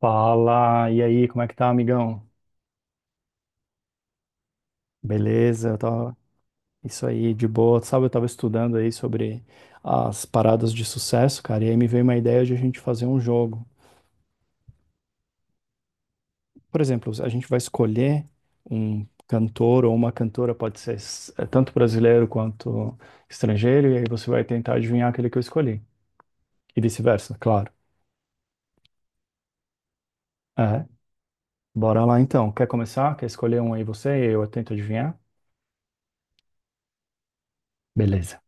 Fala, e aí, como é que tá, amigão? Beleza, eu tava isso aí de boa. Sabe, eu tava estudando aí sobre as paradas de sucesso, cara, e aí me veio uma ideia de a gente fazer um jogo. Por exemplo, a gente vai escolher um cantor ou uma cantora, pode ser tanto brasileiro quanto estrangeiro, e aí você vai tentar adivinhar aquele que eu escolhi, e vice-versa, claro. É, bora lá então. Quer começar? Quer escolher um aí você e eu tento adivinhar? Beleza.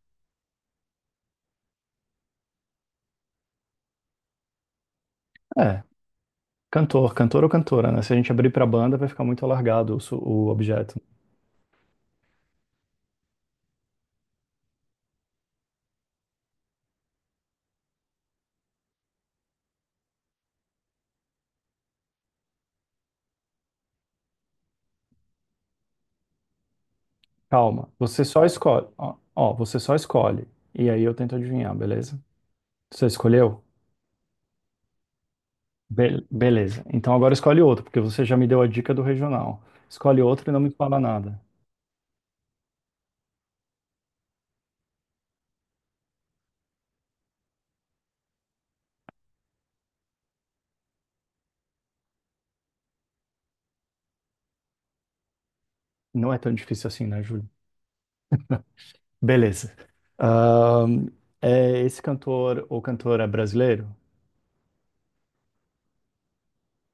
É. Cantor, cantor ou cantora, né? Se a gente abrir para banda, vai ficar muito alargado o, o objeto. Calma, você só escolhe. Ó, ó, você só escolhe. E aí eu tento adivinhar, beleza? Você escolheu? Beleza. Então agora escolhe outro, porque você já me deu a dica do regional. Escolhe outro e não me fala nada. Não é tão difícil assim, né, Júlio? Beleza. Ahn, é esse cantor ou cantora é brasileiro?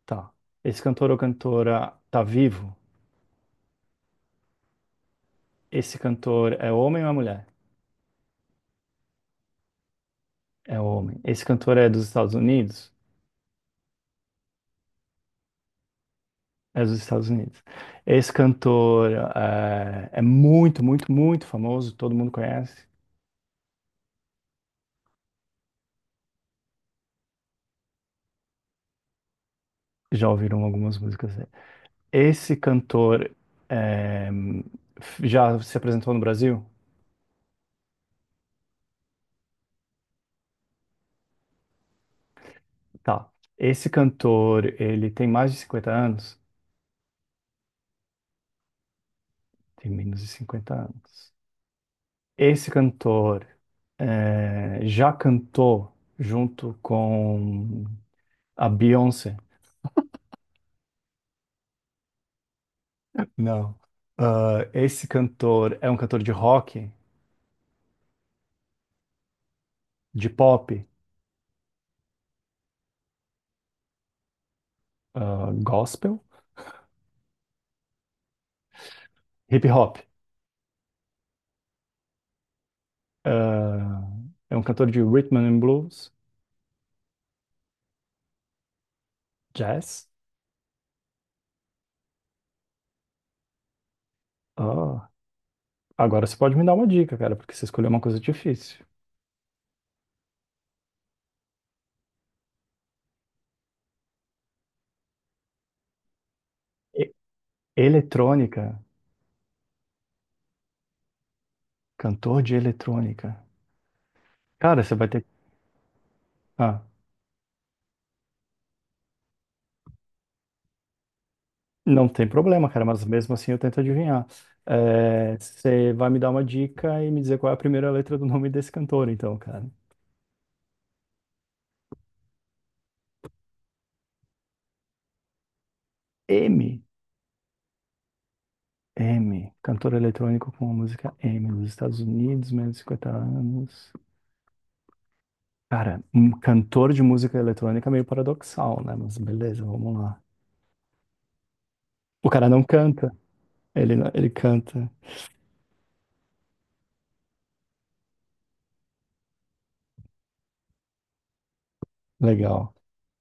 Tá. Esse cantor ou cantora tá vivo? Esse cantor é homem ou é mulher? É o homem. Esse cantor é dos Estados Unidos? É dos Estados Unidos. Esse cantor é, muito, muito, muito famoso, todo mundo conhece. Já ouviram algumas músicas dele. Esse cantor eh, já se apresentou no Brasil? Tá. Esse cantor, ele tem mais de 50 anos? Tem menos de 50 anos. Esse cantor já cantou junto com a Beyoncé? Não. Ah, esse cantor é um cantor de rock, de pop, ah, gospel, hip hop. Ah, é um cantor de rhythm and blues, jazz. Ah, agora você pode me dar uma dica, cara, porque você escolheu uma coisa difícil. E- Eletrônica, cantor de eletrônica. Cara, você vai ter. Ah, não tem problema, cara, mas mesmo assim eu tento adivinhar. Você vai me dar uma dica e me dizer qual é a primeira letra do nome desse cantor, então, cara. M. M, cantor eletrônico com a música M, nos Estados Unidos, menos de 50 anos. Cara, um cantor de música eletrônica é meio paradoxal, né? Mas beleza, vamos lá. O cara não canta, ele, não- ele canta. Legal.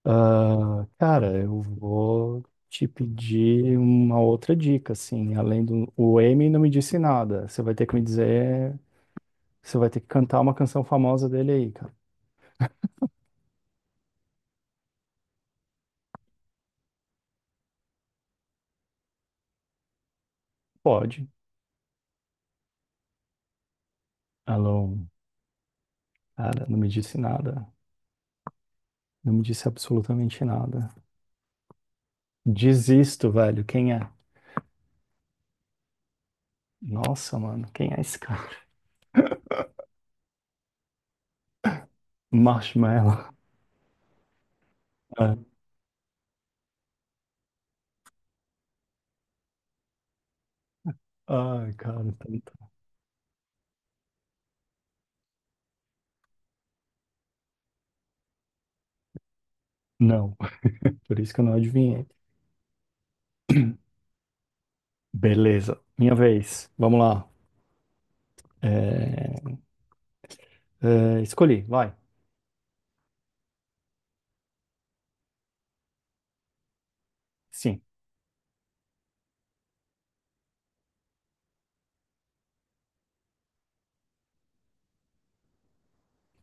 Ah, cara, eu vou te pedir uma outra dica, assim, além do. O M não me disse nada, você vai ter que me dizer, você vai ter que cantar uma canção famosa dele aí, cara. Pode. Alone, cara, não me disse nada. Não me disse absolutamente nada. Desisto, velho. Quem é? Nossa, mano, quem é esse cara? Marshmallow. É. Ai, cara, tanto. Não, por isso que eu não adivinhei. Beleza, minha vez. Vamos lá. É, é, escolhi, vai. Sim.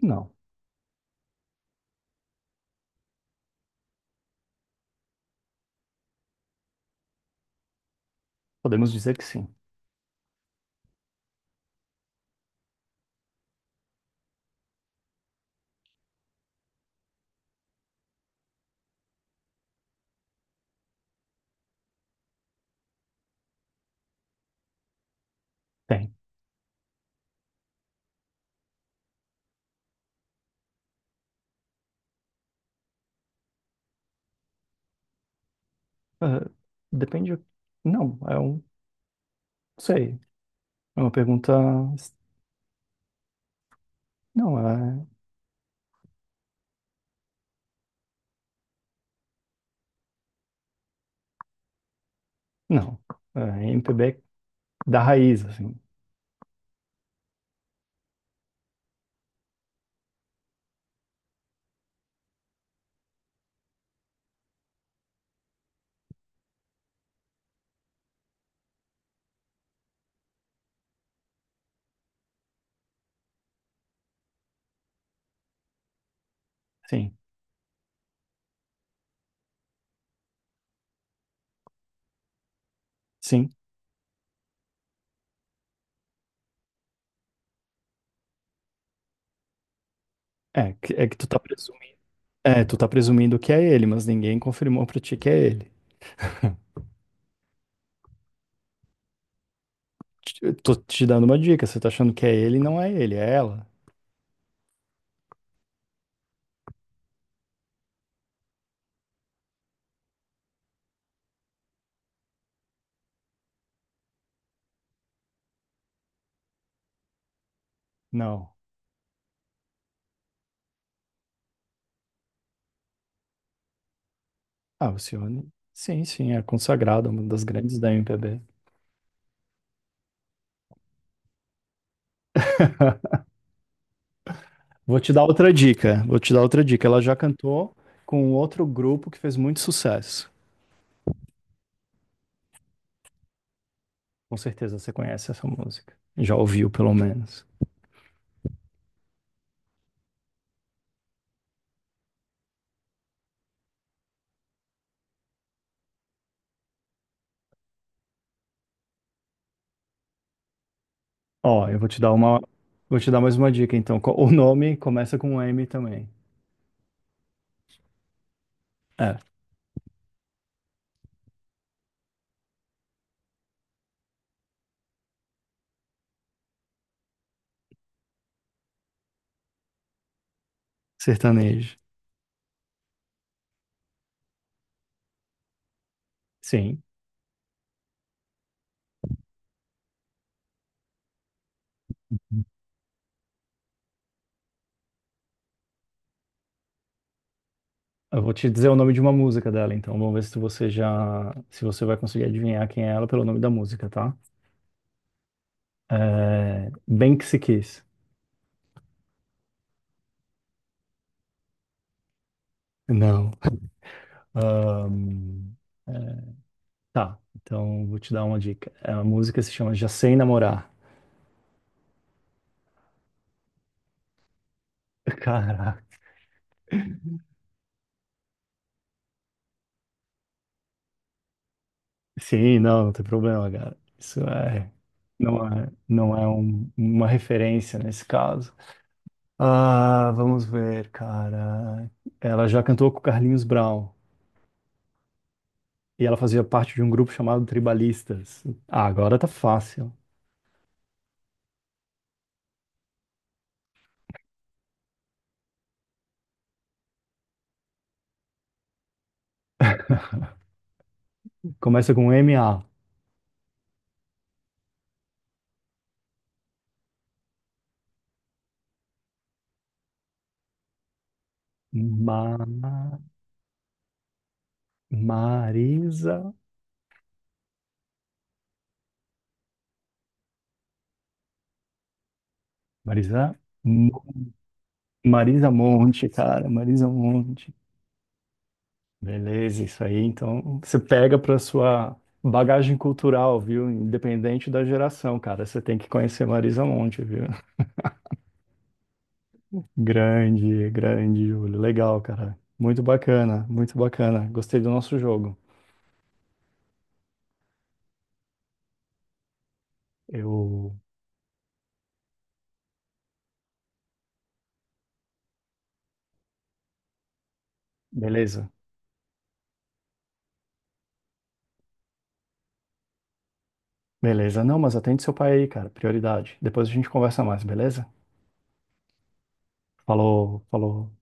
Não. Podemos dizer que sim. Tem. É, depende. Não, é um. Não sei. É uma pergunta. Não, é. Não. É MPB da raiz, assim. Sim. Sim. É, é que tu tá presumindo. É, tu tá presumindo que é ele, mas ninguém confirmou pra ti que é ele. Tô te dando uma dica, você tá achando que é ele, não é ele, é ela. Não. Ah, Alcione. Sim, sim, é consagrada, uma das grandes da MPB. Vou te dar outra dica, vou te dar outra dica. Ela já cantou com um outro grupo que fez muito sucesso. Com certeza você conhece essa música. Já ouviu, pelo menos. Ó, eu vou te dar uma, vou te dar mais uma dica, então. O nome começa com M também. É, sertanejo. Sim. Eu vou te dizer o nome de uma música dela, então vamos ver se você já, se você vai conseguir adivinhar quem é ela pelo nome da música, tá? É. Banksy Kiss. Não. Ahn, é, tá, então vou te dar uma dica. É, a música se chama Já Sei Namorar. Caraca. Sim, não, não tem problema, cara. Isso é, não é uma referência nesse caso. Ah, vamos ver, cara. Ela já cantou com o Carlinhos Brown. E ela fazia parte de um grupo chamado Tribalistas. Ah, agora tá fácil. Começa com MA. Ma. Marisa. Marisa. Mo- Marisa Monte, cara. Marisa Monte. Beleza, isso aí. Então, você pega pra sua bagagem cultural, viu? Independente da geração, cara. Você tem que conhecer Marisa Monte, viu? Grande, grande, Júlio. Legal, cara. Muito bacana, muito bacana. Gostei do nosso jogo. Eu. Beleza. Beleza, não, mas atende seu pai aí, cara, prioridade. Depois a gente conversa mais, beleza? Falou, falou.